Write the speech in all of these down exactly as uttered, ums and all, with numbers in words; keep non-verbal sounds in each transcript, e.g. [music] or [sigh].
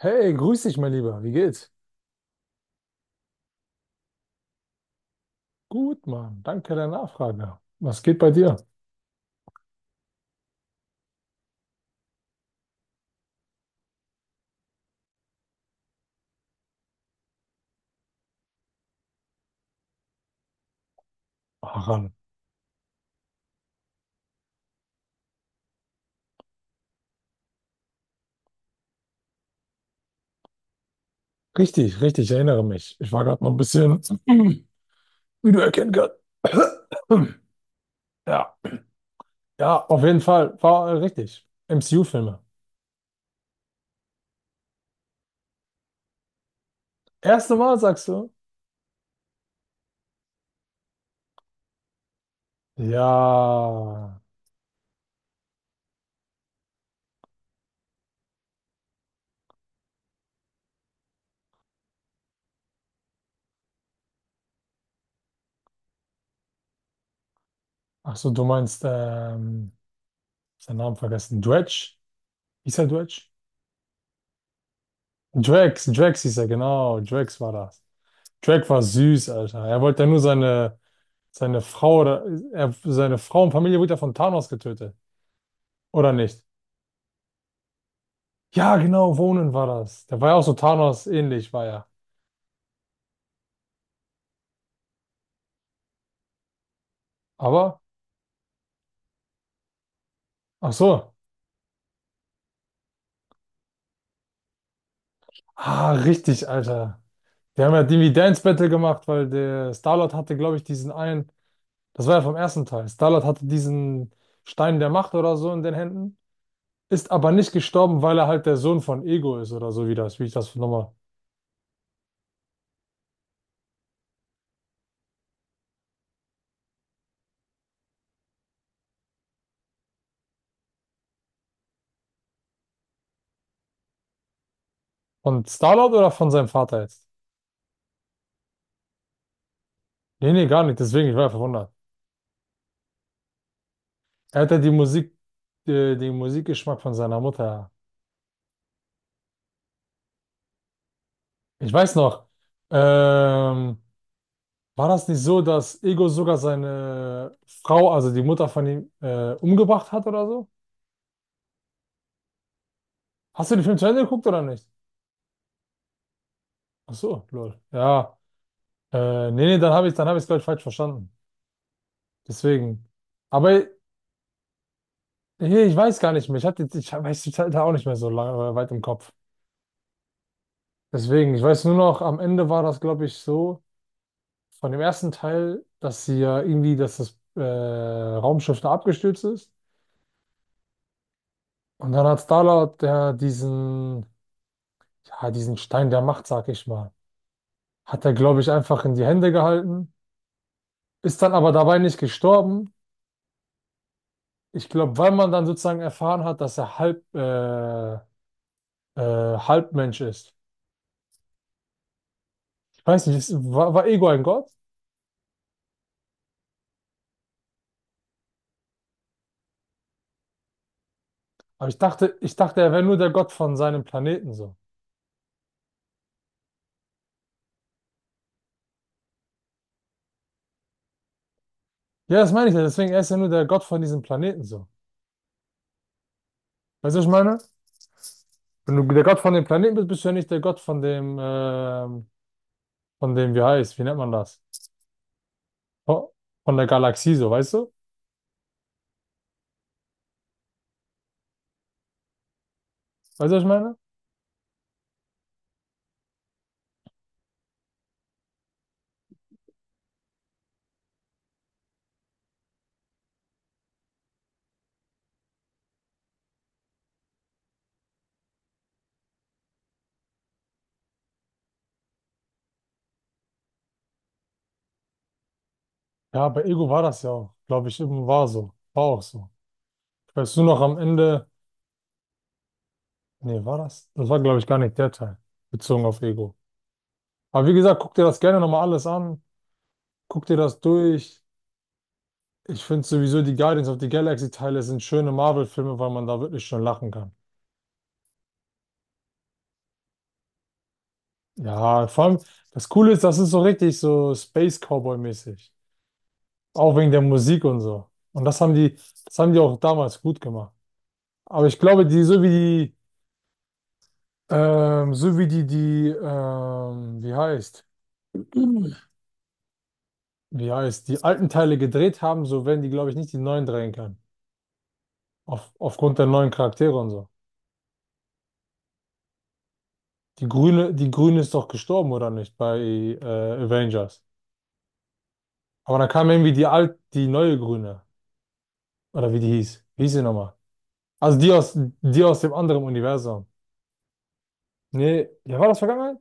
Hey, grüß dich, mein Lieber. Wie geht's? Gut, Mann. Danke der Nachfrage. Was geht bei dir? Ran. Richtig, richtig. Ich erinnere mich. Ich war gerade noch ein bisschen, wie du erkennen kannst. [clears throat] [coughs] Ja, ja, auf jeden Fall. War äh, richtig. M C U-Filme. Erste Mal, sagst du? Ja. Ach so, du meinst, ähm, seinen Namen vergessen. Dredge? Hieß er Dredge? Drax, Drax hieß er, genau. Drax war das. Drax war süß, Alter. Er wollte ja nur seine Seine Frau oder er, seine Frau und Familie wurde ja von Thanos getötet. Oder nicht? Ja, genau, Ronan war das. Der war ja auch so Thanos ähnlich, war ja. Aber, ach so. Ah, richtig, Alter. Die haben ja irgendwie Dance Battle gemacht, weil der Star-Lord hatte, glaube ich, diesen einen, das war ja vom ersten Teil. Star-Lord hatte diesen Stein der Macht oder so in den Händen, ist aber nicht gestorben, weil er halt der Sohn von Ego ist oder so, wie das, wie ich das nochmal. Von Star-Lord oder von seinem Vater jetzt? Nee, nee, gar nicht, deswegen, ich war ja verwundert. Er hat ja die Musik, äh, den Musikgeschmack von seiner Mutter. Ich weiß noch, ähm, war das nicht so, dass Ego sogar seine Frau, also die Mutter von ihm, äh, umgebracht hat oder so? Hast du den Film zu Ende geguckt oder nicht? Ach so, lol. Ja, äh, nee, nee, dann habe ich, dann habe ich es, glaube ich, falsch verstanden. Deswegen. Aber hier, ich weiß gar nicht mehr. Ich hatte, ich weiß die Zeit da auch nicht mehr so lange, weit im Kopf. Deswegen, ich weiß nur noch, am Ende war das, glaube ich, so. Von dem ersten Teil, dass sie ja irgendwie, dass das äh, Raumschiff da abgestürzt ist. Und dann hat Star-Lord der diesen, ja, diesen Stein der Macht, sag ich mal, hat er, glaube ich, einfach in die Hände gehalten, ist dann aber dabei nicht gestorben. Ich glaube, weil man dann sozusagen erfahren hat, dass er halb, äh, äh, Halbmensch ist. Ich weiß nicht, ist, war, war Ego ein Gott? Aber ich dachte, ich dachte, er wäre nur der Gott von seinem Planeten so. Ja, das meine ich ja, deswegen, er ist ja nur der Gott von diesem Planeten so. Weißt du, was ich meine? Wenn du der Gott von dem Planeten bist, bist du ja nicht der Gott von dem, ähm, von dem, wie heißt, wie nennt man das? Von von der Galaxie, so, weißt du? Weißt du, was ich meine? Ja, bei Ego war das ja auch, glaube ich, eben war so. War auch so. Weißt du noch am Ende, nee, war das? Das war, glaube ich, gar nicht der Teil, bezogen auf Ego. Aber wie gesagt, guck dir das gerne nochmal alles an. Guck dir das durch. Ich finde sowieso die Guardians of the Galaxy-Teile sind schöne Marvel-Filme, weil man da wirklich schon lachen kann. Ja, vor allem, das Coole ist, das ist so richtig so Space Cowboy-mäßig. Auch wegen der Musik und so. Und das haben die, das haben die auch damals gut gemacht. Aber ich glaube, die, so wie die, ähm, so wie die, die, ähm, wie heißt, wie heißt, die alten Teile gedreht haben, so werden die, glaube ich, nicht die neuen drehen können. Auf, aufgrund der neuen Charaktere und so. Die Grüne, die Grüne ist doch gestorben, oder nicht, bei äh, Avengers. Aber dann kam irgendwie die alt, die neue Grüne. Oder wie die hieß. Wie hieß sie nochmal? Also die aus, die aus dem anderen Universum. Nee, ja, war das vergangenheit?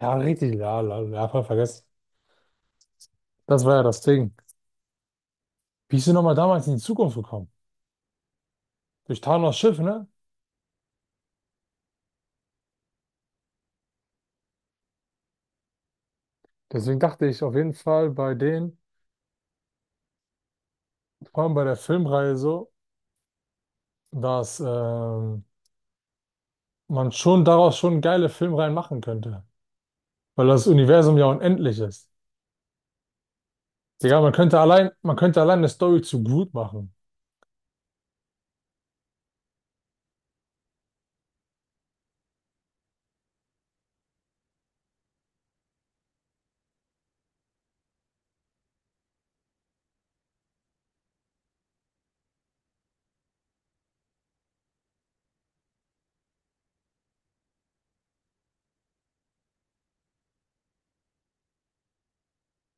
Ja, richtig, ja, la- ja, voll vergessen. Das war ja das Ding. Wie ist denn nochmal damals in die Zukunft gekommen? Durch Thanos Schiff, ne? Deswegen dachte ich auf jeden Fall bei denen, vor allem bei der Filmreihe so, dass ähm, man schon daraus schon geile Filmreihen machen könnte. Weil das Universum ja unendlich ist. Digga, man könnte allein, man könnte allein eine Story zu Groot machen.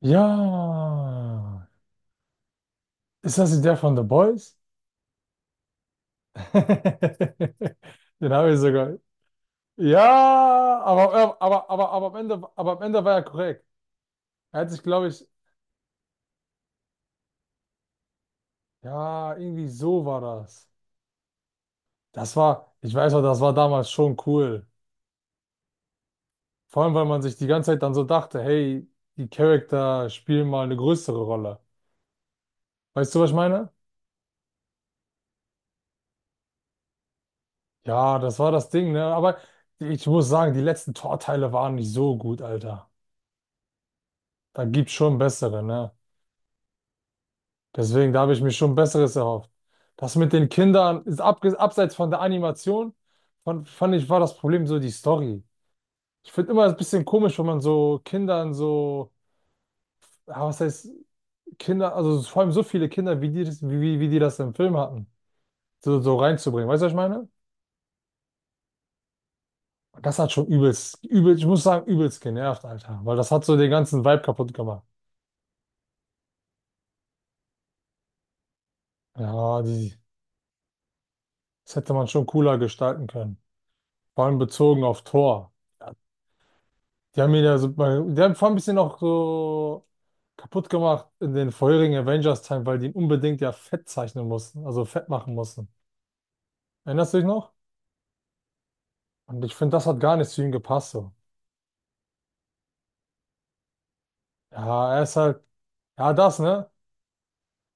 Ja. Ist das der von The Boys? [laughs] Den habe ich sogar, ja, aber, äh, aber, aber, aber, am Ende, aber am Ende war er korrekt. Er hat sich, glaube ich, ja, irgendwie so war das. Das war, ich weiß noch, das war damals schon cool. Vor allem, weil man sich die ganze Zeit dann so dachte, hey, die Charakter spielen mal eine größere Rolle. Weißt du, was ich meine? Ja, das war das Ding, ne? Aber ich muss sagen, die letzten Torteile waren nicht so gut, Alter. Da gibt's schon bessere, ne? Deswegen, da habe ich mir schon Besseres erhofft. Das mit den Kindern ist abge abseits von der Animation, fand, fand ich, war das Problem so die Story. Ich finde immer ein bisschen komisch, wenn man so Kindern so, ja, was heißt Kinder, also so, vor allem so viele Kinder, wie die, das- wie, wie wie die das im Film hatten, so, so reinzubringen. Weißt du, was ich meine? Und das hat schon übelst, übel, ich muss sagen, übelst genervt, Alter, weil das hat so den ganzen Vibe kaputt gemacht. Ja, die, das hätte man schon cooler gestalten können. Vor allem bezogen auf Thor. Ja, die haben ihn da super, die haben vor allem ein bisschen auch so kaputt gemacht in den vorherigen Avengers-Teilen, weil die ihn unbedingt ja fett zeichnen mussten, also fett machen mussten. Erinnerst du dich noch? Und ich finde, das hat gar nicht zu ihm gepasst so. Ja, er ist halt, ja, das, ne?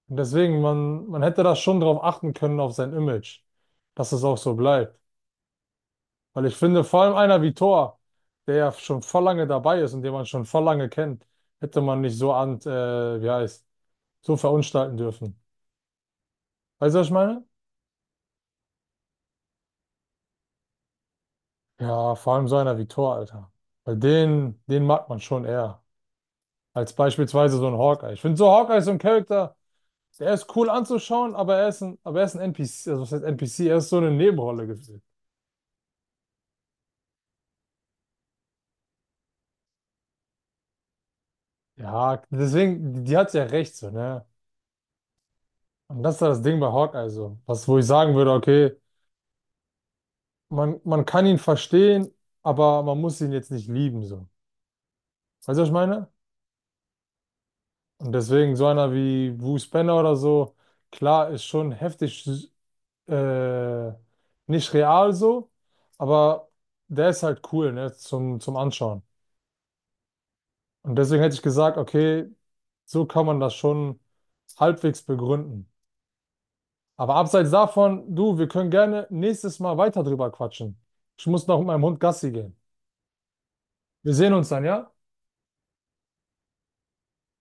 Und deswegen, man, man hätte da schon drauf achten können, auf sein Image, dass es auch so bleibt. Weil ich finde, vor allem einer wie Thor, der ja schon voll lange dabei ist und den man schon voll lange kennt, hätte man nicht so an, äh, wie heißt, so verunstalten dürfen. Weißt du, was ich meine? Ja, vor allem so einer wie Thor, Alter. Weil den, den mag man schon eher. Als beispielsweise so ein Hawkeye. Ich finde so Hawkeye ist so ein Charakter, der ist cool anzuschauen, aber er ist ein, aber er ist ein N P C, also was heißt N P C, er ist so eine Nebenrolle gefühlt. Ja, deswegen, die, die hat ja recht so, ne? Und das ist ja das Ding bei Hawkeye so. Was, wo ich sagen würde, okay, man, man kann ihn verstehen, aber man muss ihn jetzt nicht lieben, so. Weißt du, was ich meine? Und deswegen so einer wie Bruce Banner oder so, klar, ist schon heftig, äh, nicht real so, aber der ist halt cool, ne, zum, zum Anschauen. Und deswegen hätte ich gesagt, okay, so kann man das schon halbwegs begründen. Aber abseits davon, du, wir können gerne nächstes Mal weiter drüber quatschen. Ich muss noch mit meinem Hund Gassi gehen. Wir sehen uns dann, ja?